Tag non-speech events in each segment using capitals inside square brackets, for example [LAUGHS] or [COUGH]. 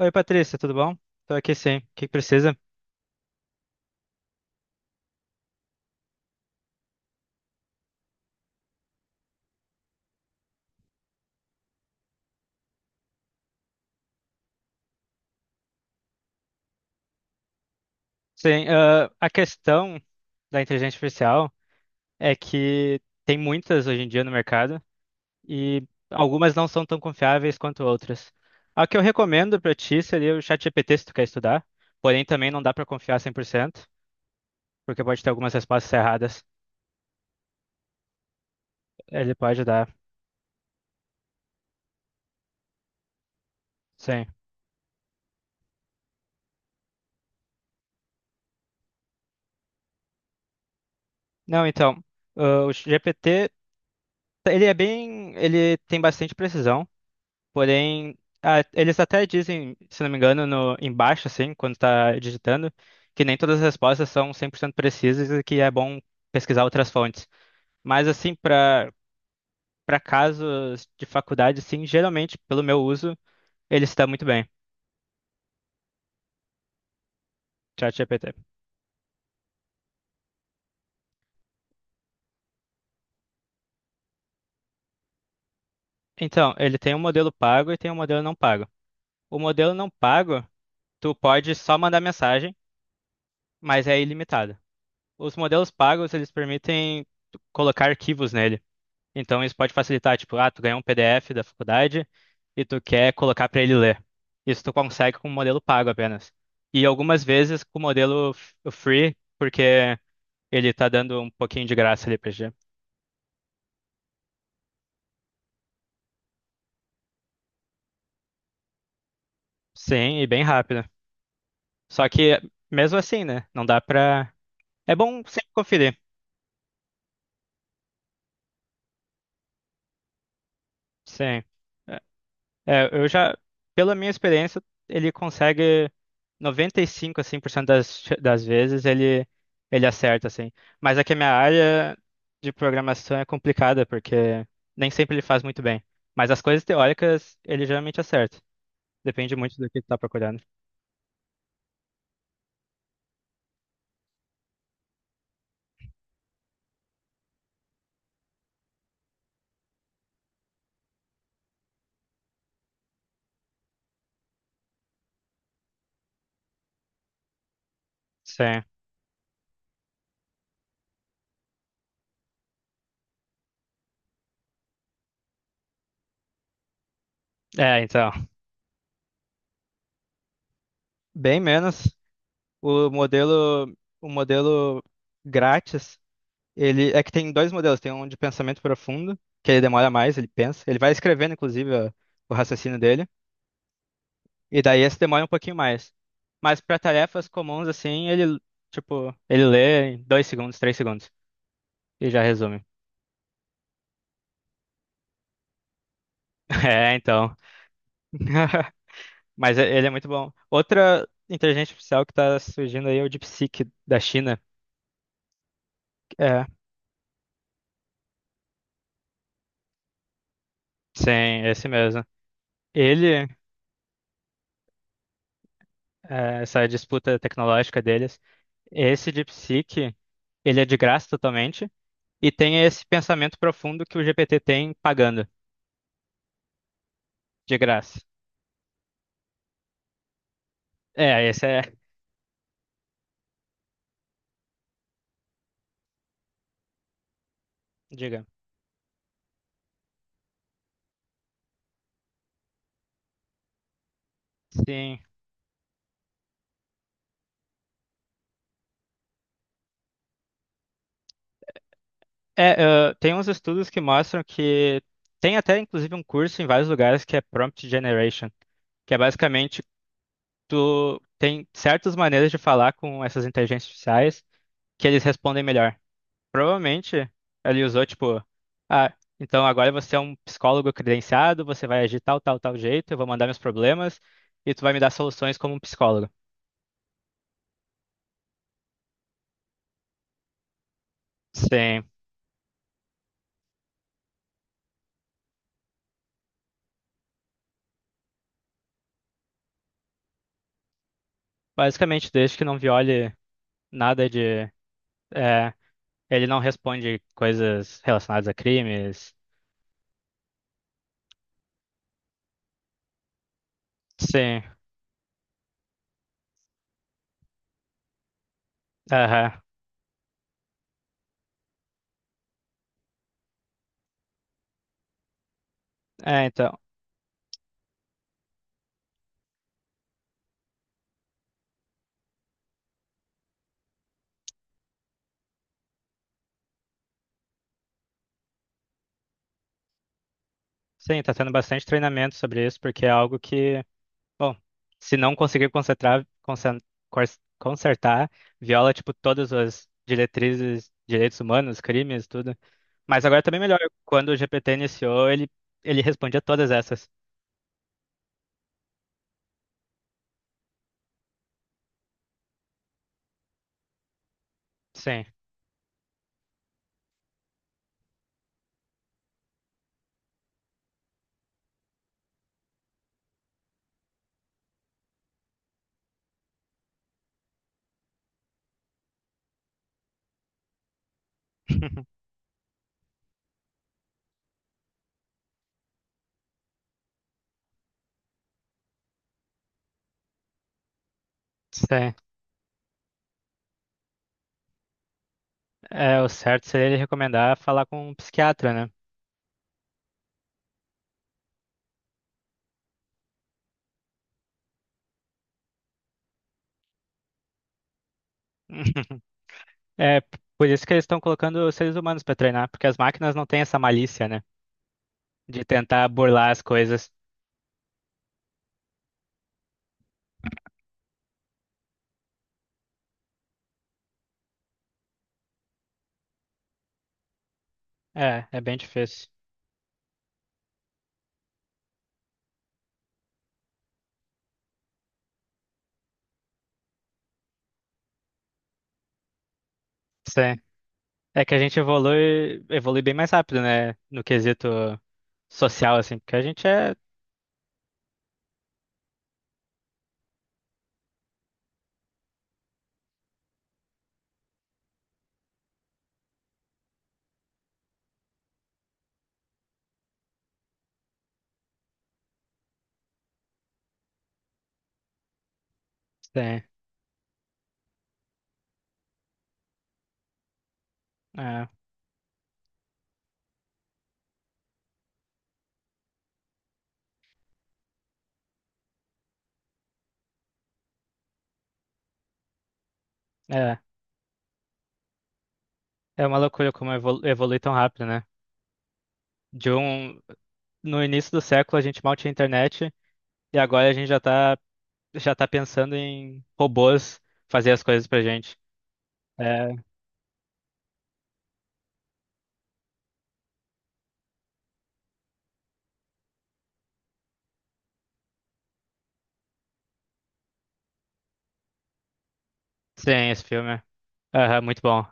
Oi, Patrícia, tudo bom? Estou aqui sim. O que que precisa? Sim, a questão da inteligência artificial é que tem muitas hoje em dia no mercado e algumas não são tão confiáveis quanto outras. A que eu recomendo para ti seria o ChatGPT se tu quer estudar, porém também não dá para confiar 100% porque pode ter algumas respostas erradas. Ele pode dar, sim. Não, então, o GPT, ele tem bastante precisão. Porém, eles até dizem, se não me engano, no, embaixo, assim, quando está digitando, que nem todas as respostas são 100% precisas e que é bom pesquisar outras fontes. Mas, assim, para casos de faculdade, sim, geralmente, pelo meu uso, ele está muito bem, ChatGPT. Então, ele tem um modelo pago e tem um modelo não pago. O modelo não pago, tu pode só mandar mensagem, mas é ilimitado. Os modelos pagos, eles permitem tu colocar arquivos nele. Então isso pode facilitar, tipo, ah, tu ganhou um PDF da faculdade e tu quer colocar para ele ler. Isso tu consegue com o modelo pago apenas. E algumas vezes com o free, porque ele tá dando um pouquinho de graça ali pra gente. Sim, e bem rápido. Só que mesmo assim, né? Não dá pra. É bom sempre conferir. Sim. É, eu já, pela minha experiência, ele consegue 95, assim, por cento das vezes ele acerta, assim. Mas é que a minha área de programação é complicada, porque nem sempre ele faz muito bem. Mas as coisas teóricas ele geralmente acerta. Depende muito do que tu tá procurando. Sim. É, então. Bem menos. O modelo, o modelo grátis. Ele é que tem dois modelos, tem um de pensamento profundo, que ele demora mais, ele pensa, ele vai escrevendo o raciocínio dele, e daí esse demora um pouquinho mais. Mas para tarefas comuns assim, ele tipo, ele lê em 2 segundos, 3 segundos e já resume. [LAUGHS] É, então. [LAUGHS] Mas ele é muito bom. Outra inteligência artificial que tá surgindo aí é o DeepSeek da China. É, sim, esse mesmo. Ele, é, essa disputa tecnológica deles, esse DeepSeek, ele é de graça totalmente. E tenha esse pensamento profundo que o GPT tem pagando, de graça. É, esse é, diga. Sim. É, tem uns estudos que mostram que tem até inclusive um curso em vários lugares que é prompt generation, que é basicamente tu tem certas maneiras de falar com essas inteligências artificiais que eles respondem melhor. Provavelmente ele usou tipo, ah, então agora você é um psicólogo credenciado, você vai agir tal, tal, tal jeito, eu vou mandar meus problemas e tu vai me dar soluções como um psicólogo. Sim. Basicamente, desde que não viole nada de. É, ele não responde coisas relacionadas a crimes. Sim, aham. É, então. Sim, tá tendo bastante treinamento sobre isso, porque é algo que, bom, se não conseguir cor- consertar, viola, tipo, todas as diretrizes, direitos humanos, crimes, tudo. Mas agora também melhor. Quando o GPT iniciou, ele respondia todas essas. Sim. [LAUGHS] Sim. É, o certo seria ele recomendar falar com um psiquiatra, né? [LAUGHS] Por isso que eles estão colocando os seres humanos para treinar, porque as máquinas não têm essa malícia, né? De tentar burlar as coisas. É, é bem difícil. Sim. É é que a gente evolui, evolui bem mais rápido, né? No quesito social, assim, porque a gente é. Sim. É, é, é uma loucura como evolui tão rápido, né? De um. No início do século a gente mal tinha internet e agora a gente já tá pensando em robôs fazer as coisas pra gente. É, sim, esse filme. Aham, muito bom.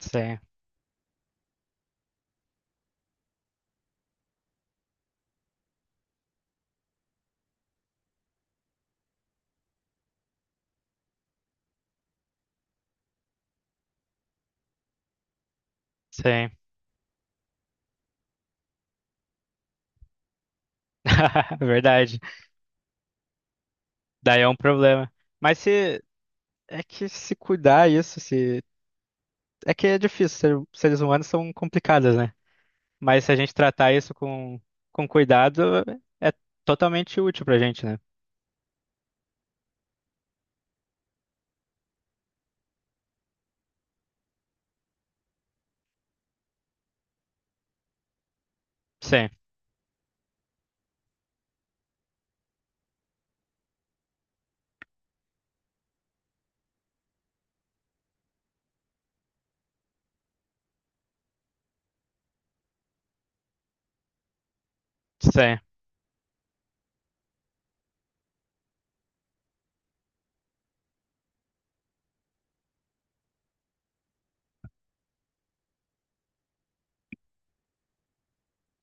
Sim, sim. [LAUGHS] Verdade. Daí é um problema. Mas se é que se cuidar isso, se é que é difícil, seres humanos são complicados, né? Mas se a gente tratar isso com cuidado, é totalmente útil pra gente, né? Sim, sim,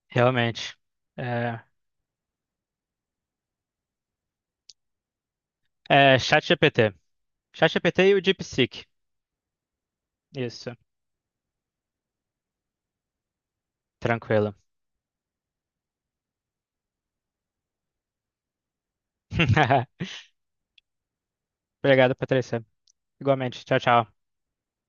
realmente. É, é ChatGPT. ChatGPT e o DeepSeek. Isso, tranquilo. [LAUGHS] Obrigado, Patrícia. Igualmente. Tchau, tchau.